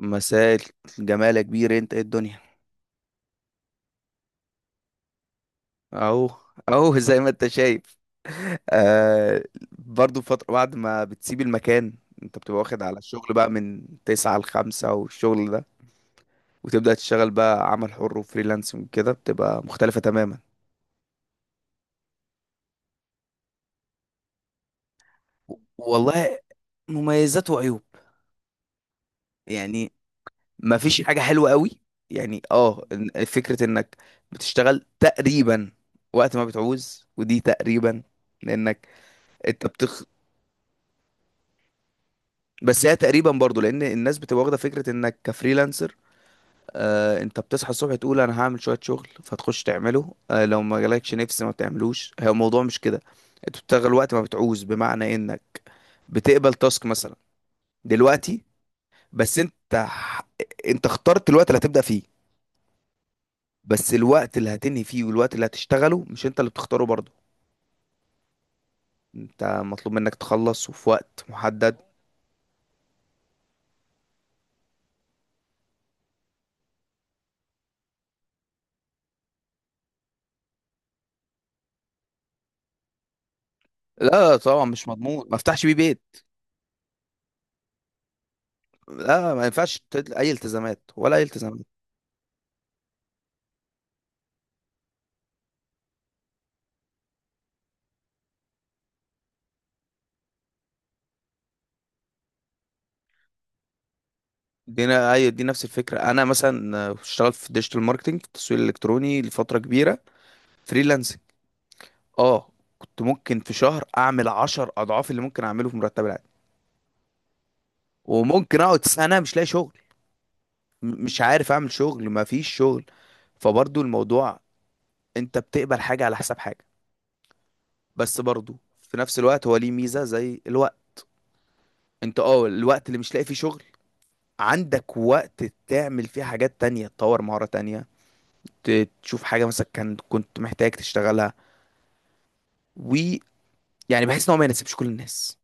مساء الجمال يا كبير، انت ايه الدنيا؟ اهو، اهو زي ما انت شايف. آه، برضو فترة بعد ما بتسيب المكان، انت بتبقى واخد على الشغل بقى من تسعة لخمسة والشغل ده، وتبدأ تشتغل بقى عمل حر وفريلانسنج كده بتبقى مختلفة تماما. والله، مميزات وعيوب. يعني ما فيش حاجة حلوة قوي. يعني فكرة انك بتشتغل تقريبا وقت ما بتعوز، ودي تقريبا لانك انت بس هي تقريبا برضو لان الناس بتبقى واخده فكره انك كفريلانسر. آه، انت بتصحى الصبح تقول انا هعمل شويه شغل فتخش تعمله، آه لو ما جالكش نفس ما بتعملوش، هي الموضوع مش كده. انت بتشتغل وقت ما بتعوز بمعنى انك بتقبل تاسك مثلا دلوقتي، بس انت انت اخترت الوقت اللي هتبدا فيه، بس الوقت اللي هتنهي فيه والوقت اللي هتشتغله مش انت اللي بتختاره برضو. انت مطلوب منك تخلص وفي وقت محدد. لا طبعا، مش مضمون، ما افتحش بيه بيت. لا، ما ينفعش اي التزامات، ولا اي التزامات. ايوه، دي نفس الفكره. انا مثلا اشتغلت في الديجيتال ماركتنج، في التسويق الالكتروني لفتره كبيره، فريلانسنج. اه، كنت ممكن في شهر اعمل 10 اضعاف اللي ممكن اعمله في مرتب العادي. وممكن اقعد سنه مش لاقي شغل، مش عارف اعمل شغل، ما فيش شغل. فبرضو الموضوع، انت بتقبل حاجه على حساب حاجه. بس برضو في نفس الوقت هو ليه ميزه زي الوقت، انت اه الوقت اللي مش لاقي فيه شغل عندك وقت تعمل فيه حاجات تانية، تطور مهارة تانية، تشوف حاجة مثلا كان كنت محتاج تشتغلها. ويعني، بحس ان هو ما يناسبش كل الناس.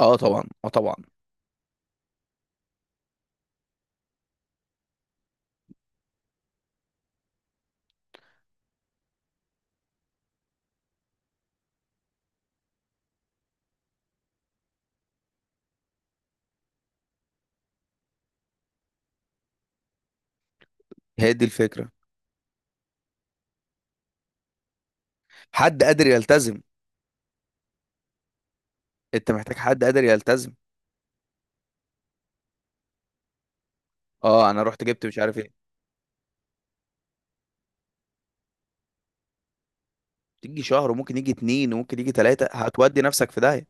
اه طبعا، اه طبعا. هي دي الفكره. حد قادر يلتزم، انت محتاج حد قادر يلتزم. اه، انا رحت جبت مش عارف ايه. تيجي شهر وممكن يجي اتنين وممكن يجي تلاته، هتودي نفسك في داهيه.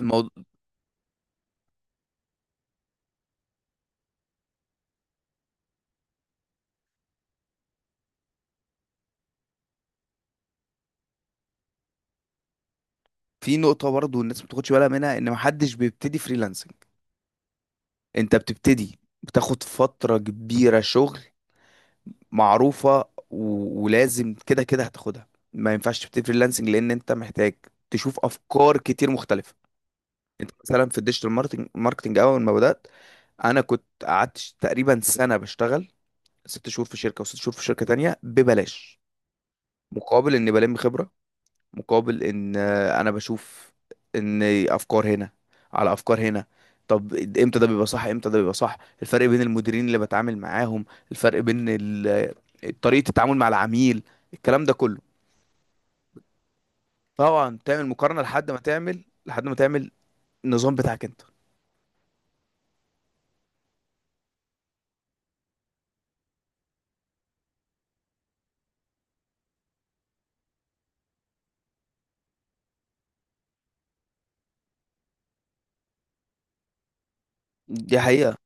الموضوع، في نقطه برضه الناس ما بتاخدش بالها منها، ان محدش بيبتدي فريلانسنج. انت بتبتدي بتاخد فتره كبيره شغل معروفه ولازم كده كده هتاخدها. ما ينفعش تبتدي فريلانسنج لان انت محتاج تشوف افكار كتير مختلفه. انت مثلا في الديجيتال ماركتنج ماركتنج اول ما بدات، انا كنت قعدت تقريبا سنه بشتغل، 6 شهور في شركه وست شهور في شركه تانية ببلاش، مقابل اني بلم خبره، مقابل ان انا بشوف ان افكار هنا على افكار هنا. طب امتى ده بيبقى صح، امتى ده بيبقى صح؟ الفرق بين المديرين اللي بتعامل معاهم، الفرق بين طريقه التعامل مع العميل، الكلام ده كله. طبعا تعمل مقارنه لحد ما تعمل لحد ما تعمل النظام بتاعك انت. دي حقيقه.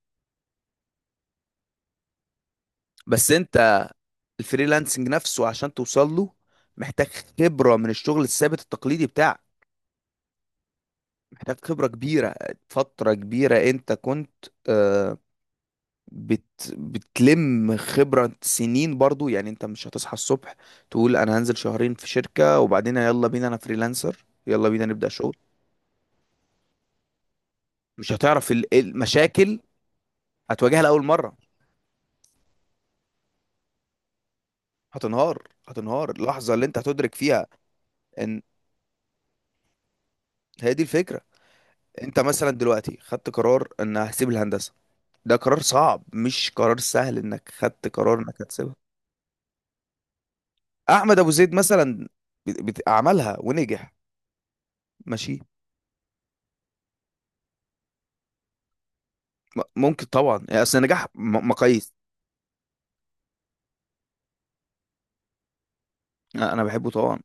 بس انت الفريلانسنج نفسه عشان توصل له محتاج خبرة من الشغل الثابت التقليدي بتاعك، محتاج خبرة كبيرة، فترة كبيرة انت كنت آه، بت بتلم خبرة سنين برضو، يعني انت مش هتصحى الصبح تقول انا هنزل شهرين في شركة وبعدين يلا بينا انا فريلانسر، يلا بينا نبدأ شغل. مش هتعرف المشاكل، هتواجهها لأول مرة. هتنهار، هتنهار اللحظة اللي انت هتدرك فيها ان، هي دي الفكرة. انت مثلا دلوقتي خدت قرار ان هسيب الهندسة، ده قرار صعب مش قرار سهل انك خدت قرار انك هتسيبها. احمد ابو زيد مثلا، عملها ونجح، ماشي. ممكن طبعا، يعني اصل النجاح مقاييس. أنا بحبه طبعا.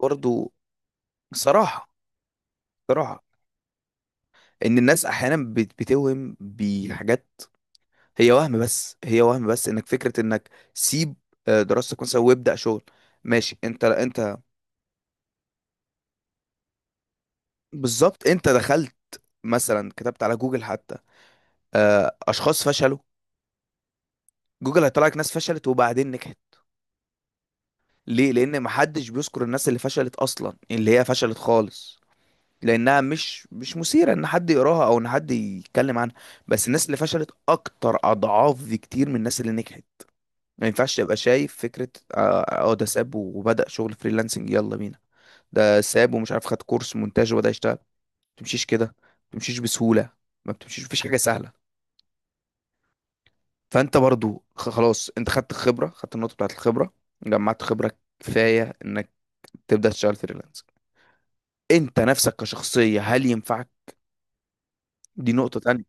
برضو، صراحة، صراحة ان الناس احيانا بتوهم بحاجات، هي وهم بس، هي وهم بس، انك فكرة انك سيب دراستك مثلا وابدأ شغل، ماشي انت انت. بالظبط، انت دخلت مثلا كتبت على جوجل حتى اشخاص فشلوا، جوجل هيطلع لك ناس فشلت وبعدين نجحت. ليه؟ لان محدش بيذكر الناس اللي فشلت اصلا، اللي هي فشلت خالص، لانها مش، مش مثيره ان حد يقراها او ان حد يتكلم عنها. بس الناس اللي فشلت اكتر اضعاف بكتير من الناس اللي نجحت. ما ينفعش تبقى شايف فكره ده ساب وبدأ شغل فريلانسنج، يلا بينا. ده ساب ومش عارف خد كورس مونتاج وبدأ يشتغل، ما بتمشيش كده، ما بتمشيش بسهوله، ما بتمشيش، مفيش حاجه سهله. فانت برضو خلاص، انت خدت الخبره، خدت النقطه بتاعت الخبره، جمعت خبره كفايه انك تبدأ تشتغل فريلانس. انت نفسك كشخصية هل ينفعك؟ دي نقطة تانية.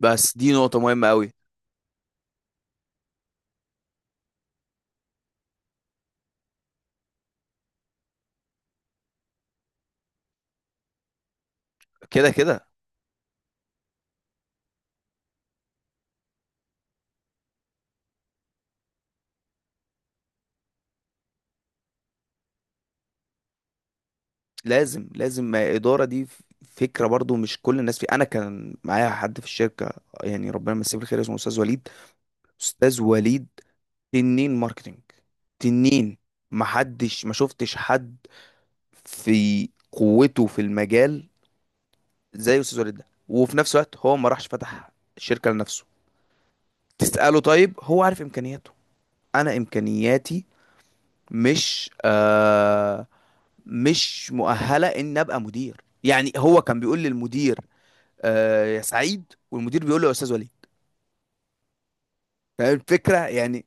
بس دي نقطة مهمة قوي. كده كده لازم، لازم ما إدارة دي فكرة برضو. مش كل الناس في، أنا كان معايا حد في الشركة، يعني ربنا يمسيه بالخير، اسمه أستاذ وليد. أستاذ وليد، تنين ماركتينج، تنين ما حدش، ما شفتش حد في قوته في المجال زي أستاذ وليد ده. وفي نفس الوقت هو ما راحش فتح شركة لنفسه. تسأله، طيب هو عارف إمكانياته. أنا إمكانياتي مش مش مؤهله ان ابقى مدير، يعني هو كان بيقول للمدير آه يا سعيد، والمدير بيقول له يا استاذ وليد. فاهم الفكره يعني؟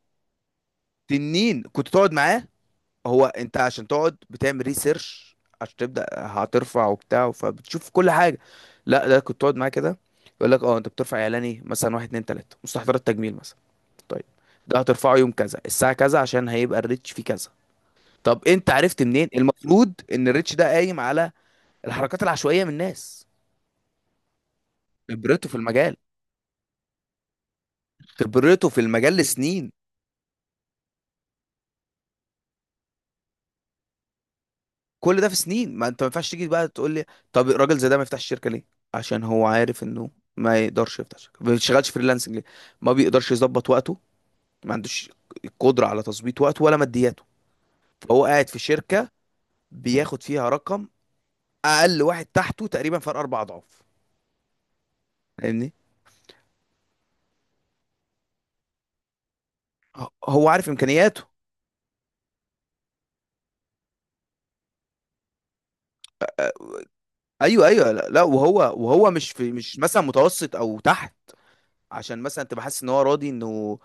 تنين كنت تقعد معاه، هو انت عشان تقعد بتعمل ريسيرش عشان تبدا هترفع وبتاع، فبتشوف كل حاجه. لا، ده كنت تقعد معاه كده يقول لك، اه، انت بترفع اعلاني مثلا واحد اتنين تلاته، مستحضرات تجميل مثلا، طيب، ده هترفعه يوم كذا الساعه كذا عشان هيبقى الريتش فيه كذا. طب انت عرفت منين المفروض ان الريتش ده قايم على الحركات العشوائيه من الناس؟ خبرته في المجال، خبرته في المجال لسنين. كل ده في سنين. ما انت، ما ينفعش تيجي بقى تقول لي طب الراجل زي ده ما يفتحش شركه ليه، عشان هو عارف انه ما يقدرش يفتح شركه. ما بيشتغلش فريلانسنج ليه؟ ما بيقدرش يظبط وقته، ما عندوش القدره على تظبيط وقته ولا مادياته. فهو قاعد في شركه بياخد فيها رقم، اقل واحد تحته تقريبا فرق 4 اضعاف. فاهمني؟ هو عارف امكانياته. ايوه، ايوه، لا, لا. وهو، وهو مش في، مش مثلا متوسط او تحت عشان مثلا تبقى حاسس ان هو راضي انه،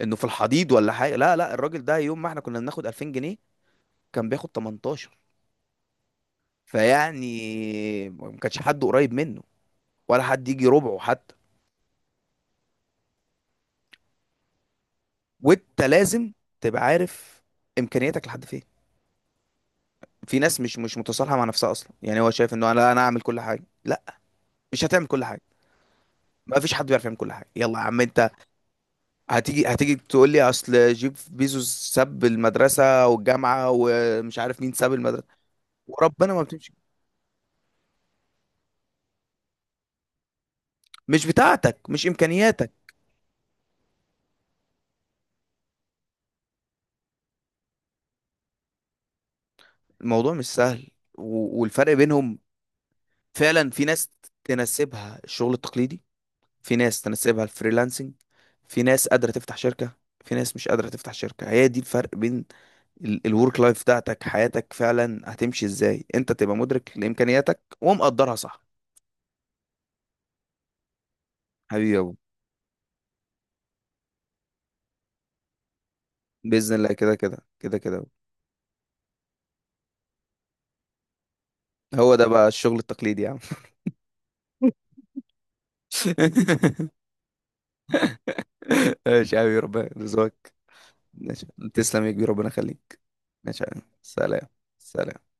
انه في الحضيض ولا حاجه. لا لا، الراجل ده يوم ما احنا كنا بناخد 2000 جنيه كان بياخد 18. فيعني ما كانش حد قريب منه، ولا حد يجي ربعه حتى. وانت لازم تبقى عارف امكانياتك لحد فين. في ناس مش، مش متصالحه مع نفسها اصلا، يعني هو شايف انه انا اعمل كل حاجه. لا، مش هتعمل كل حاجه، ما فيش حد بيعرف يعمل كل حاجه يلا يا عم انت. هتيجي هتيجي تقول لي اصل جيف بيزوس ساب المدرسه والجامعه، ومش عارف مين ساب المدرسه، وربنا ما بتمشي، مش بتاعتك، مش امكانياتك. الموضوع مش سهل. والفرق بينهم فعلا في ناس تناسبها الشغل التقليدي، في ناس تناسبها الفريلانسنج، في ناس قادرة تفتح شركة، في ناس مش قادرة تفتح شركة. هي دي الفرق بين الورك لايف بتاعتك، حياتك فعلا هتمشي ازاي؟ انت تبقى مدرك لامكانياتك ومقدرها صح. حبيبي يا ابو، باذن الله، كده كده كده كده. هو ده بقى الشغل التقليدي يا عم. ماشي يا حبيبي، ربنا يرزقك. ماشي، تسلم يا كبير، ربنا يخليك. ماشي يا عم. سلام. سلام.